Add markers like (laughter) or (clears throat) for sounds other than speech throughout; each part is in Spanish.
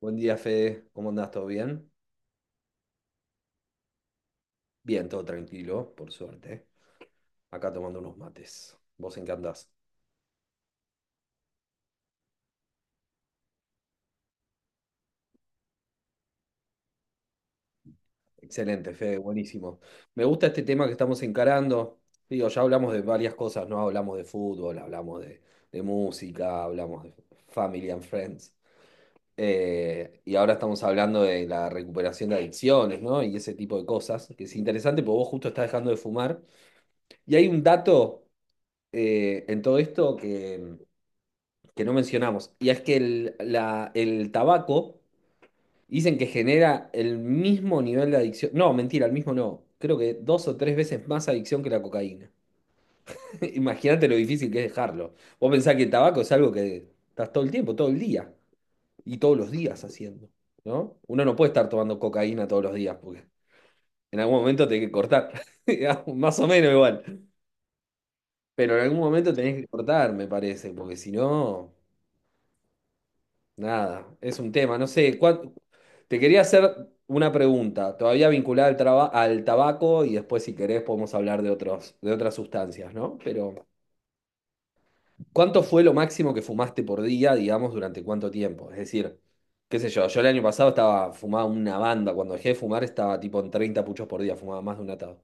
Buen día, Fede. ¿Cómo andás? ¿Todo bien? Bien, todo tranquilo, por suerte. Acá tomando unos mates. ¿Vos en qué andás? Excelente, Fede, buenísimo. Me gusta este tema que estamos encarando. Digo, ya hablamos de varias cosas, ¿no? Hablamos de fútbol, hablamos de música, hablamos de family and friends. Y ahora estamos hablando de la recuperación de adicciones, ¿no? Y ese tipo de cosas, que es interesante porque vos justo estás dejando de fumar. Y hay un dato en todo esto que no mencionamos, y es que el tabaco dicen que genera el mismo nivel de adicción. No, mentira, el mismo no. Creo que 2 o 3 veces más adicción que la cocaína. (laughs) Imagínate lo difícil que es dejarlo. Vos pensás que el tabaco es algo que estás todo el tiempo, todo el día, y todos los días haciendo, ¿no? Uno no puede estar tomando cocaína todos los días, porque en algún momento tenés que cortar, (laughs) digamos, más o menos igual. Pero en algún momento tenés que cortar, me parece, porque si no... Nada, es un tema. No sé, te quería hacer una pregunta, todavía vinculada al tabaco y después si querés podemos hablar de otros, de otras sustancias, ¿no? Pero, ¿cuánto fue lo máximo que fumaste por día, digamos, durante cuánto tiempo? Es decir, qué sé yo, yo el año pasado estaba fumaba una banda, cuando dejé de fumar estaba tipo en 30 puchos por día, fumaba más de un atado,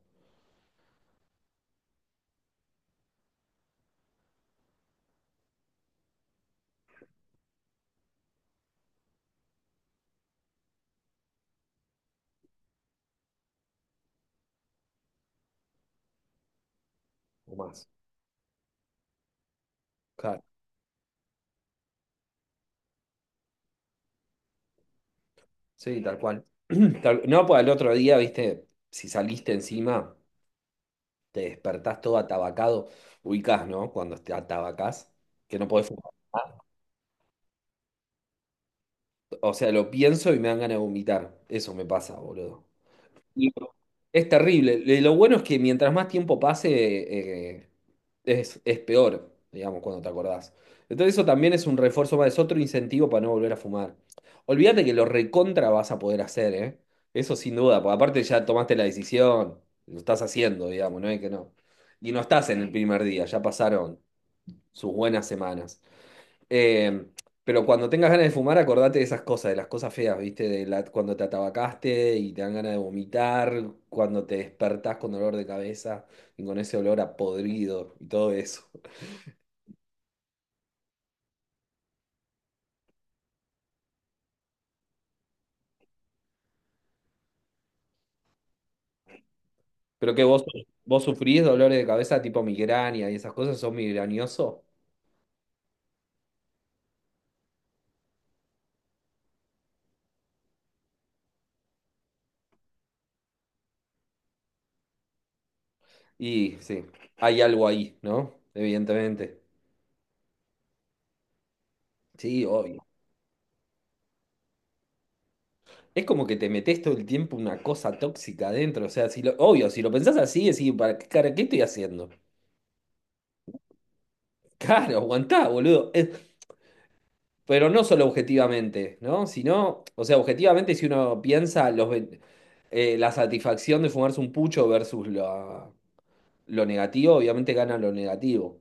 o más. Claro, sí, tal cual. (clears throat) No, pues al otro día, viste, si saliste encima... te despertás todo atabacado, ubicás, ¿no? Cuando te atabacás, que no podés fumar. O sea, lo pienso y me dan ganas de vomitar. Eso me pasa, boludo. Y es terrible. Lo bueno es que mientras más tiempo pase, eh, es peor, digamos, cuando te acordás. Entonces eso también es un refuerzo más, es otro incentivo para no volver a fumar. Olvídate que lo recontra vas a poder hacer, ¿eh? Eso sin duda, porque aparte ya tomaste la decisión, lo estás haciendo, digamos, no es que no. Y no estás en el primer día, ya pasaron sus buenas semanas. Eh, pero cuando tengas ganas de fumar, acordate de esas cosas, de las cosas feas, ¿viste? Cuando te atabacaste y te dan ganas de vomitar, cuando te despertás con dolor de cabeza y con ese olor a podrido y todo eso. Pero que vos sufrís dolores de cabeza tipo migraña y esas cosas, sos migrañoso. Y sí, hay algo ahí, ¿no? Evidentemente. Sí, obvio. Es como que te metes todo el tiempo una cosa tóxica adentro. O sea, si lo, obvio, si lo pensás así, decís, ¿para qué, cara, qué estoy haciendo? Claro, aguantá, boludo. Pero no solo objetivamente, ¿no? Sino, o sea, objetivamente, si uno piensa la satisfacción de fumarse un pucho versus lo negativo, obviamente gana lo negativo.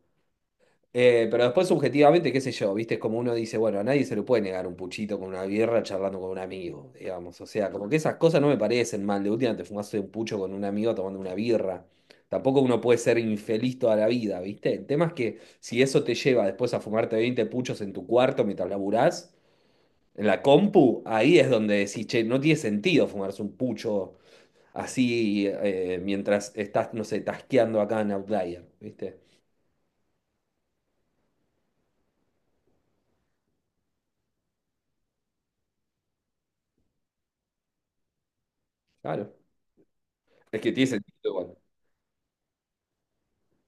Pero después, subjetivamente, qué sé yo, ¿viste? Es como uno dice, bueno, a nadie se le puede negar un puchito con una birra charlando con un amigo, digamos. O sea, como que esas cosas no me parecen mal. De última te fumaste un pucho con un amigo tomando una birra. Tampoco uno puede ser infeliz toda la vida, ¿viste? El tema es que si eso te lleva después a fumarte 20 puchos en tu cuarto mientras laburás, en la compu, ahí es donde decís, che, no tiene sentido fumarse un pucho así mientras estás, no sé, tasqueando acá en Outlier, ¿viste? Claro. Es que tiene sentido igual.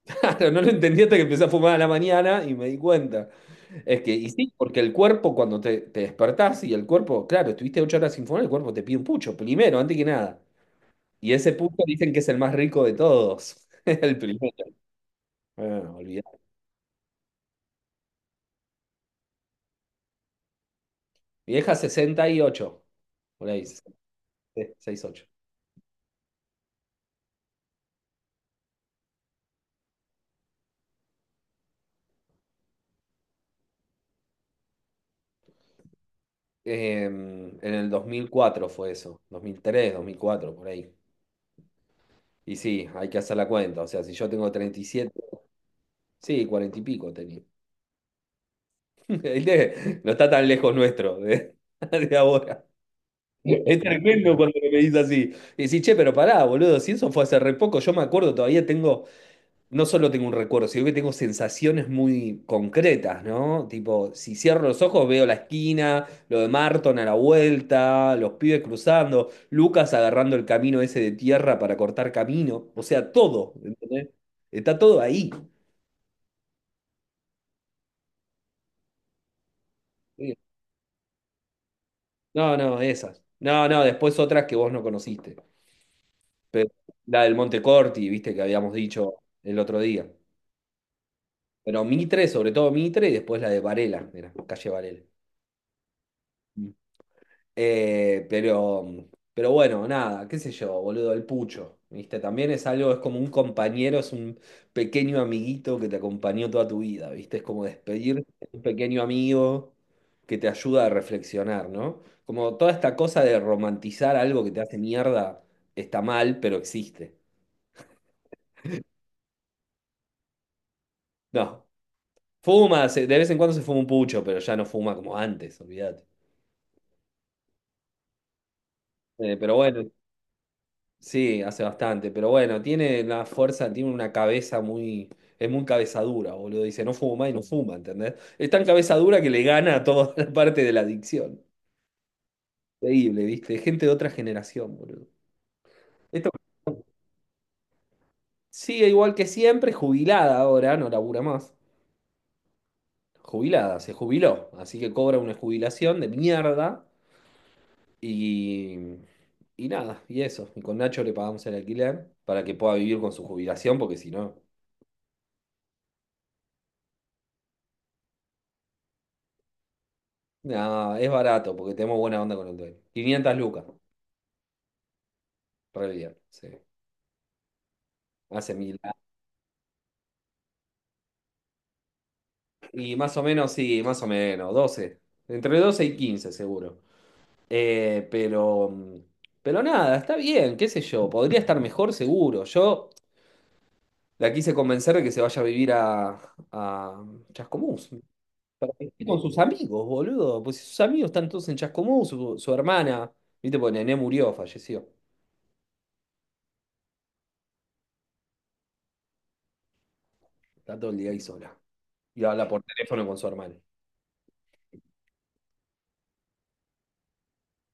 Claro, no lo entendí hasta que empecé a fumar a la mañana y me di cuenta. Es que, y sí, porque el cuerpo cuando te despertás y el cuerpo, claro, estuviste 8 horas sin fumar, el cuerpo te pide un pucho, primero, antes que nada. Y ese pucho dicen que es el más rico de todos. (laughs) El primero. Bueno, olvidé. Mi vieja 68, por ahí, sesenta y seis ocho. En el 2004 fue eso, dos mil tres 2004 por ahí. Y sí, hay que hacer la cuenta. O sea, si yo tengo 37. Sí, 40 y pico tenía. ¿Viste? No está tan lejos nuestro de, (laughs) de ahora. Es tremendo cuando me dice así. Y decís, che, pero pará, boludo, si eso fue hace re poco, yo me acuerdo, todavía tengo, no solo tengo un recuerdo, sino que tengo sensaciones muy concretas, ¿no? Tipo, si cierro los ojos veo la esquina, lo de Marton a la vuelta, los pibes cruzando, Lucas agarrando el camino ese de tierra para cortar camino, o sea, todo, ¿entendés? Está todo ahí. Sí. No, no, esas. No, no, después otras que vos no conociste. Pero la del Montecorti, viste, que habíamos dicho el otro día. Pero Mitre, sobre todo Mitre, y después la de Varela, mira, calle Varela. Mm. Eh, pero, pero bueno, nada, qué sé yo, boludo, el pucho, viste, también es algo, es como un compañero, es un pequeño amiguito que te acompañó toda tu vida, viste, es como despedir un pequeño amigo que te ayuda a reflexionar, ¿no? Como toda esta cosa de romantizar algo que te hace mierda está mal, pero existe. (laughs) No. Fuma, de vez en cuando se fuma un pucho, pero ya no fuma como antes, olvídate. Pero bueno, sí, hace bastante. Pero bueno, tiene la fuerza, tiene una cabeza muy. Es muy cabezadura, boludo. Dice, no fuma y no fuma, ¿entendés? Es tan cabezadura que le gana a toda (laughs) la parte de la adicción. Increíble, ¿viste? Gente de otra generación, boludo. Esto sigue igual que siempre, jubilada ahora, no labura más. Jubilada, se jubiló. Así que cobra una jubilación de mierda. Y, y nada, y eso. Y con Nacho le pagamos el alquiler para que pueda vivir con su jubilación, porque si no, nada, es barato, porque tenemos buena onda con el dueño. 500 lucas, re bien, sí. Hace mil. Y más o menos, sí, más o menos, 12. Entre 12 y 15 seguro. Eh, pero, mm, pero nada, está bien, qué sé yo. Podría estar mejor, seguro. Yo la quise convencer de que se vaya a vivir a, Chascomús. Esté con sus amigos, boludo. Pues si sus amigos están todos en Chascomú, su hermana, viste, pues Nené murió, falleció. Está todo el día ahí sola. Y habla por teléfono con su hermano.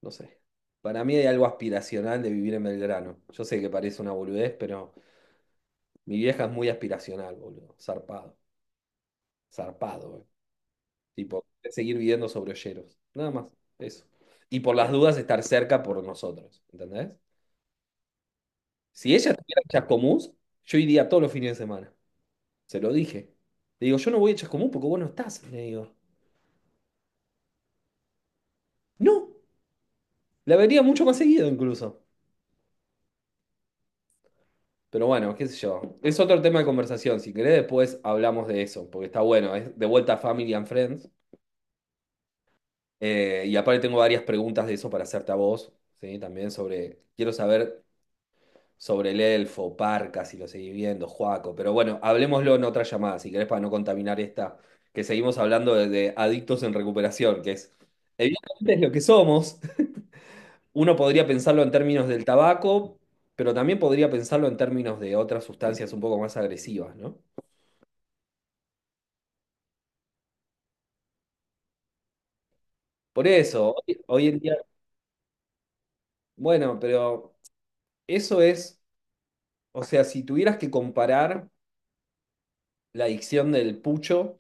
No sé. Para mí hay algo aspiracional de vivir en Belgrano. Yo sé que parece una boludez, pero mi vieja es muy aspiracional, boludo. Zarpado. Zarpado, eh. Tipo, seguir viviendo sobre Olleros. Nada más. Eso. Y por las dudas estar cerca por nosotros. ¿Entendés? Si ella estuviera en Chascomús, yo iría todos los fines de semana. Se lo dije. Le digo, yo no voy a Chascomús porque vos no estás. Le digo, no, la vería mucho más seguido incluso. Pero bueno, qué sé yo. Es otro tema de conversación. Si querés, después hablamos de eso, porque está bueno. Es de vuelta a Family and Friends. Y aparte tengo varias preguntas de eso para hacerte a vos, ¿sí? También sobre, quiero saber sobre el elfo, Parca, si lo seguís viendo, Joaco. Pero bueno, hablemoslo en otra llamada, si querés, para no contaminar esta, que seguimos hablando de adictos en recuperación, que es, evidentemente es lo que somos. Uno podría pensarlo en términos del tabaco, pero también podría pensarlo en términos de otras sustancias un poco más agresivas, ¿no? Por eso, hoy en día, bueno, pero eso es, o sea, si tuvieras que comparar la adicción del pucho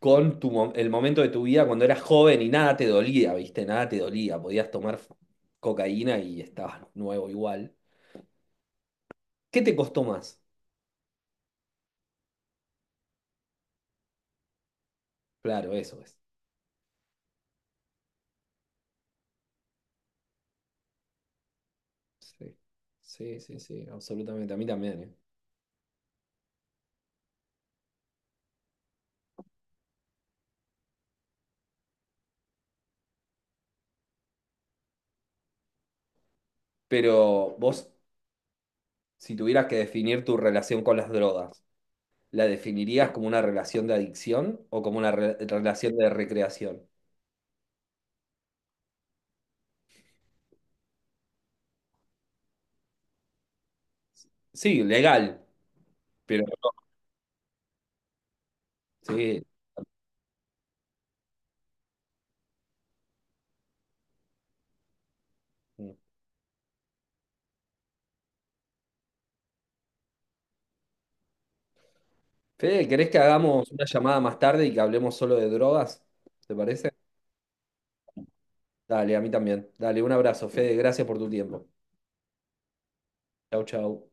con el momento de tu vida cuando eras joven y nada te dolía, ¿viste? Nada te dolía, podías tomar cocaína y estabas nuevo igual. ¿Qué te costó más? Claro, eso es. Sí, sí, sí, sí, absolutamente. A mí también, ¿eh? Pero vos, si tuvieras que definir tu relación con las drogas, ¿la definirías como una relación de adicción o como una relación de recreación? Sí, legal, pero sí. Fede, ¿querés que hagamos una llamada más tarde y que hablemos solo de drogas? ¿Te parece? Dale, a mí también. Dale, un abrazo, Fede. Gracias por tu tiempo. Chau, chau.